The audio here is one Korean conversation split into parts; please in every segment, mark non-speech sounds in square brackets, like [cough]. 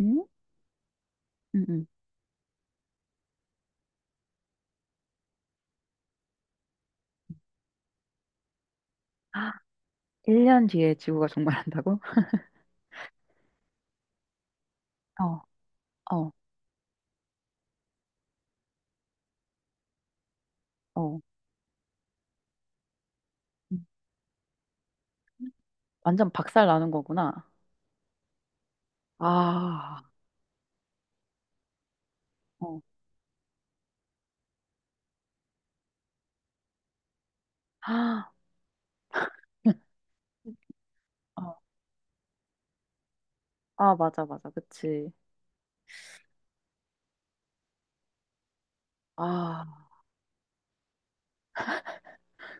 응? 응, 응. 아, 1년 뒤에 지구가 종말한다고? [laughs] 어, 어, 어. 음. 완전 박살 나는 거구나. 아, 어. 아, 어. 아, 맞아, 맞아. 그치. 아,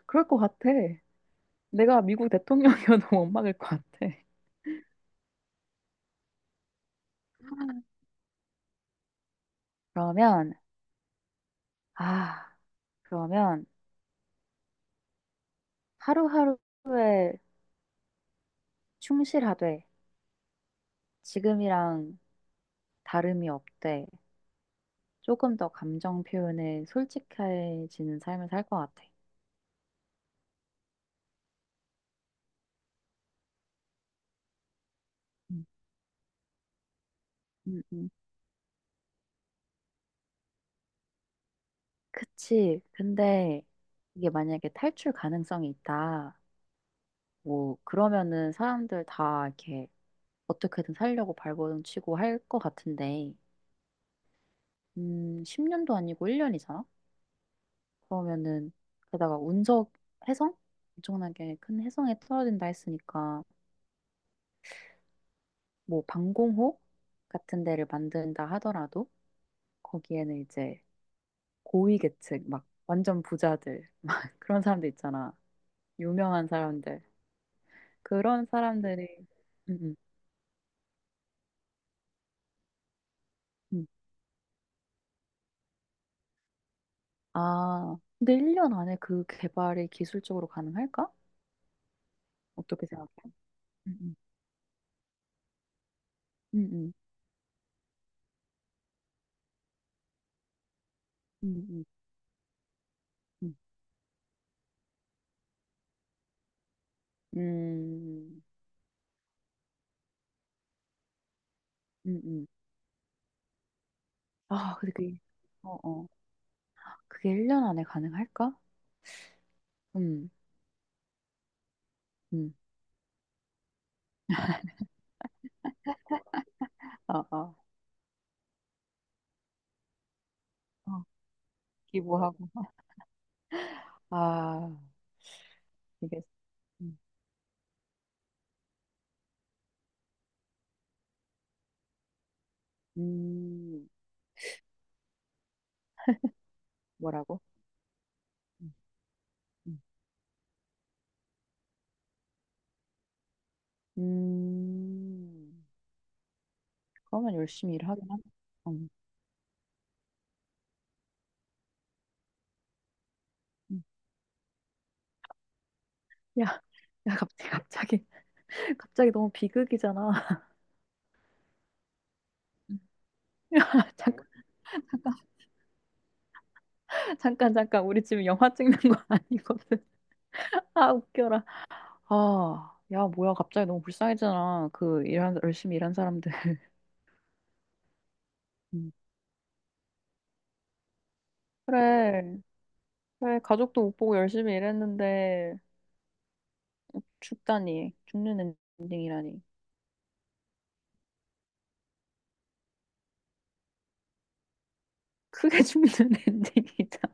그럴 것 같아. 내가 미국 대통령이어도 못 막을 것 같아. 그러면, 아, 그러면 하루하루에 충실하되 지금이랑 다름이 없되 조금 더 감정 표현에 솔직해지는 삶을 살 것 같아. 음, 음, 음. 그치. 근데 이게 만약에 탈출 가능성이 있다. 뭐, 그러면은 사람들 다 이렇게 어떻게든 살려고 발버둥 치고 할 것 같은데, 10년도 아니고 1년이잖아? 그러면은, 게다가 운석 혜성? 엄청나게 큰 혜성에 떨어진다 했으니까, 뭐, 방공호 같은 데를 만든다 하더라도, 거기에는 이제 고위계층, 막, 완전 부자들, [laughs] 막, 그런 사람들 있잖아. 유명한 사람들. 그런 사람들이 음, 음, 음. 아, 근데 1년 안에 그 개발이 기술적으로 가능할까? 어떻게 생각해? 음, 음, 음, 음, 음, 음, 음, 음. 아, 근데 그게 어, 어. 그게 1년 안에 가능할까? 음, 음. 아, 아. 어, 기부하고. 아, 이게 음, 음, 뭐라고? 음, 음. 음, 그러면 열심히 일하긴 하네. 음, 음. 야, 야, 갑자기 너무 비극이잖아. [laughs] 야 잠깐, 잠깐, 잠깐. 우리 지금 영화 찍는 거 [laughs] 아니거든. 아, 웃겨라. 아, 야, 뭐야. 갑자기 너무 불쌍해지잖아. 그, 열심히 일한 사람들. [laughs] 음. 그래. 그래. 가족도 못 보고 열심히 일했는데, 죽다니. 죽는 엔딩이라니. 그게 죽는 [laughs] 엔딩이잖아.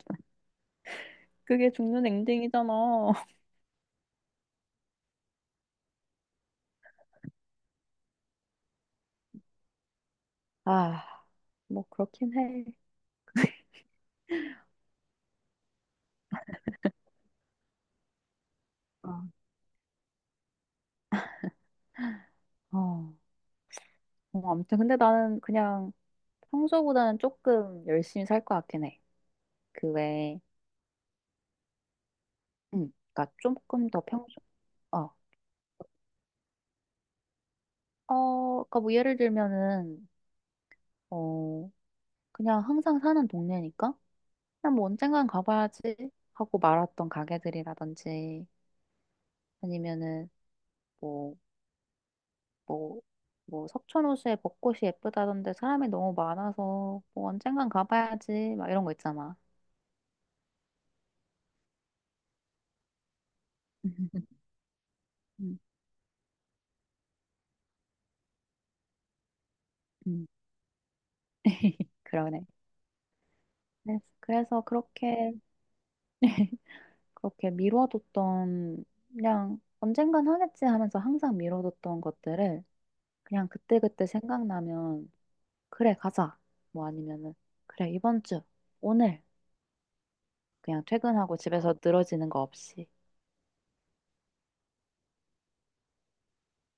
그게 죽는 엔딩이잖아. 아, 뭐, 그렇긴 해. 아, 어, 아무튼 근데 나는 그냥 평소보다는 조금 열심히 살 것 같긴 해. 그 외에, 그러니까 조금 더 평소, 어, 어, 그러니까 뭐 예를 들면은, 어, 그냥 항상 사는 동네니까 그냥 뭐 언젠간 가봐야지 하고 말았던 가게들이라든지 아니면은 뭐, 뭐, 뭐 석촌호수에 벚꽃이 예쁘다던데 사람이 너무 많아서 뭐 언젠간 가봐야지 막 이런 거 있잖아. [laughs] 음, 음, 그러네. 그래서 그렇게 [laughs] 그렇게 미뤄뒀던 그냥 언젠간 하겠지 하면서 항상 미뤄뒀던 것들을 그냥 그때그때 생각나면 그래 가자 뭐 아니면은 그래 이번 주 오늘 그냥 퇴근하고 집에서 늘어지는 거 없이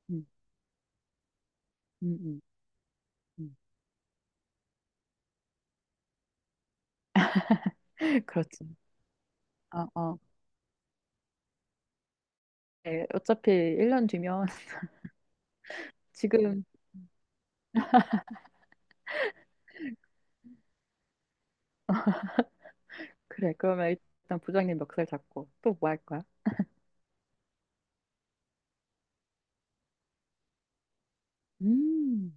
음, 음, 음. [laughs] 그렇지 어, 어. 네, 어차피 1년 뒤면 [laughs] 지금 그래 그러면 일단 부장님 멱살 잡고 또 뭐 할 거야? 음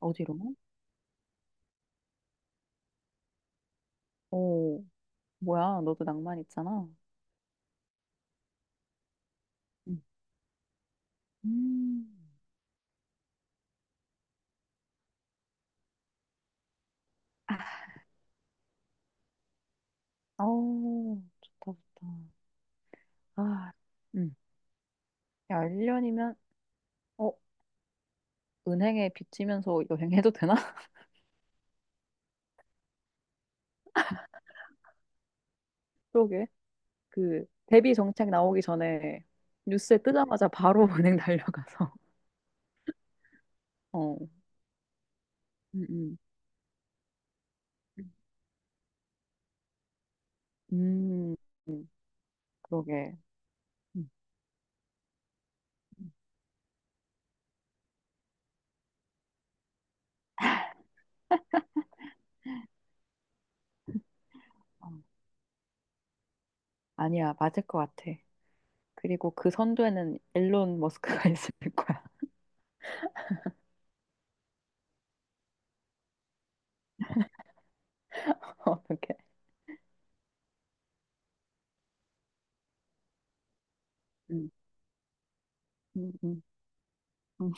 어디로? 오 뭐야 너도 낭만 있잖아 음. 음. 어, 좋다, 좋다. 아, 음. 야, 1년이면, 어, 은행에 빚지면서 여행해도 되나? [laughs] 그러게. 대비 정책 나오기 전에 뉴스에 뜨자마자 바로 [laughs] 은행 달려가서. 어, 음, 음. 음, 음, 그러게. 음, 음. 어, 아니야, 맞을 것 같아. 그리고 그 선두에는 일론 머스크가 [laughs] 있을 거야. [laughs] 어떻게? 음, 음, 음. 음.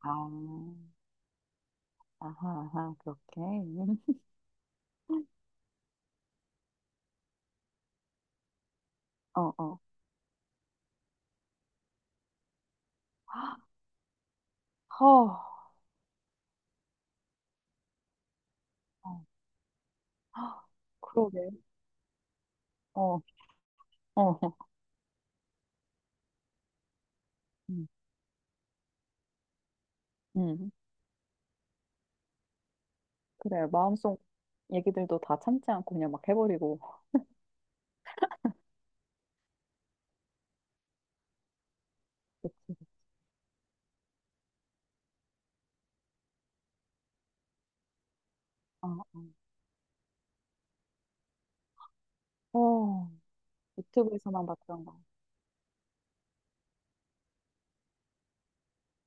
아, 아하, 아하, 그렇게. 음. 어, 어. 허, 어. 아, 그러게. 어, 어, 어. 음, 음. 그래. 마음속 얘기들도 다 참지 않고 그냥 막 해버리고. 그치. 아, 아. 어, 유튜브에서만 봤던 거.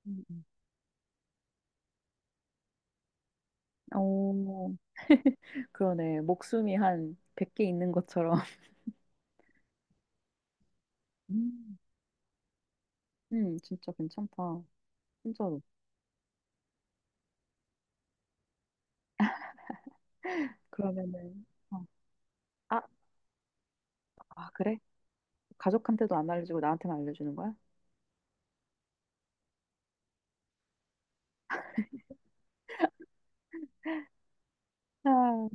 음, 음. 오, 그러네. 목숨이 한 100개 있는 것처럼. 음, 진짜 괜찮다. 진짜로. 그러면은, 어. 아, 아, 그래? 가족한테도 안 알려주고 나한테만 알려주는 거야? 아,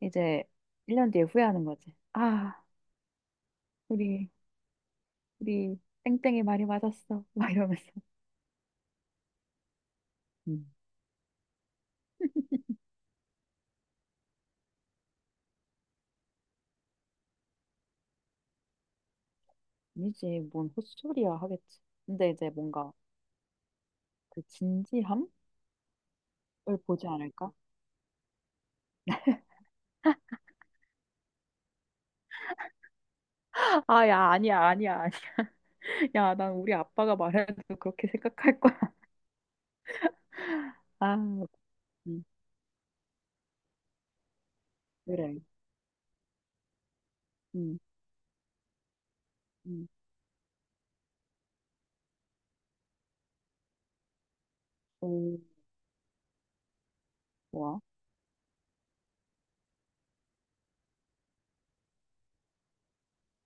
이제 1년 뒤에 후회하는 거지. 아, 우리, 우리 땡땡이 말이 맞았어. [laughs] 막 이러면서. 음, 아니지, 뭔 헛소리야 하겠지. 근데 이제 뭔가 그 진지함을 보지 않을까? 아, 야, 아니야, 아니야, 아니야. [laughs] 야, 난 우리 아빠가 말해도 그렇게 생각할 거야. 아, 음, 그래. 음, 음, 오, 좋아.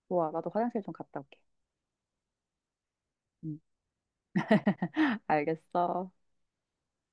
좋아, 나도 화장실 좀 갔다 올게. 음. [laughs] 알겠어.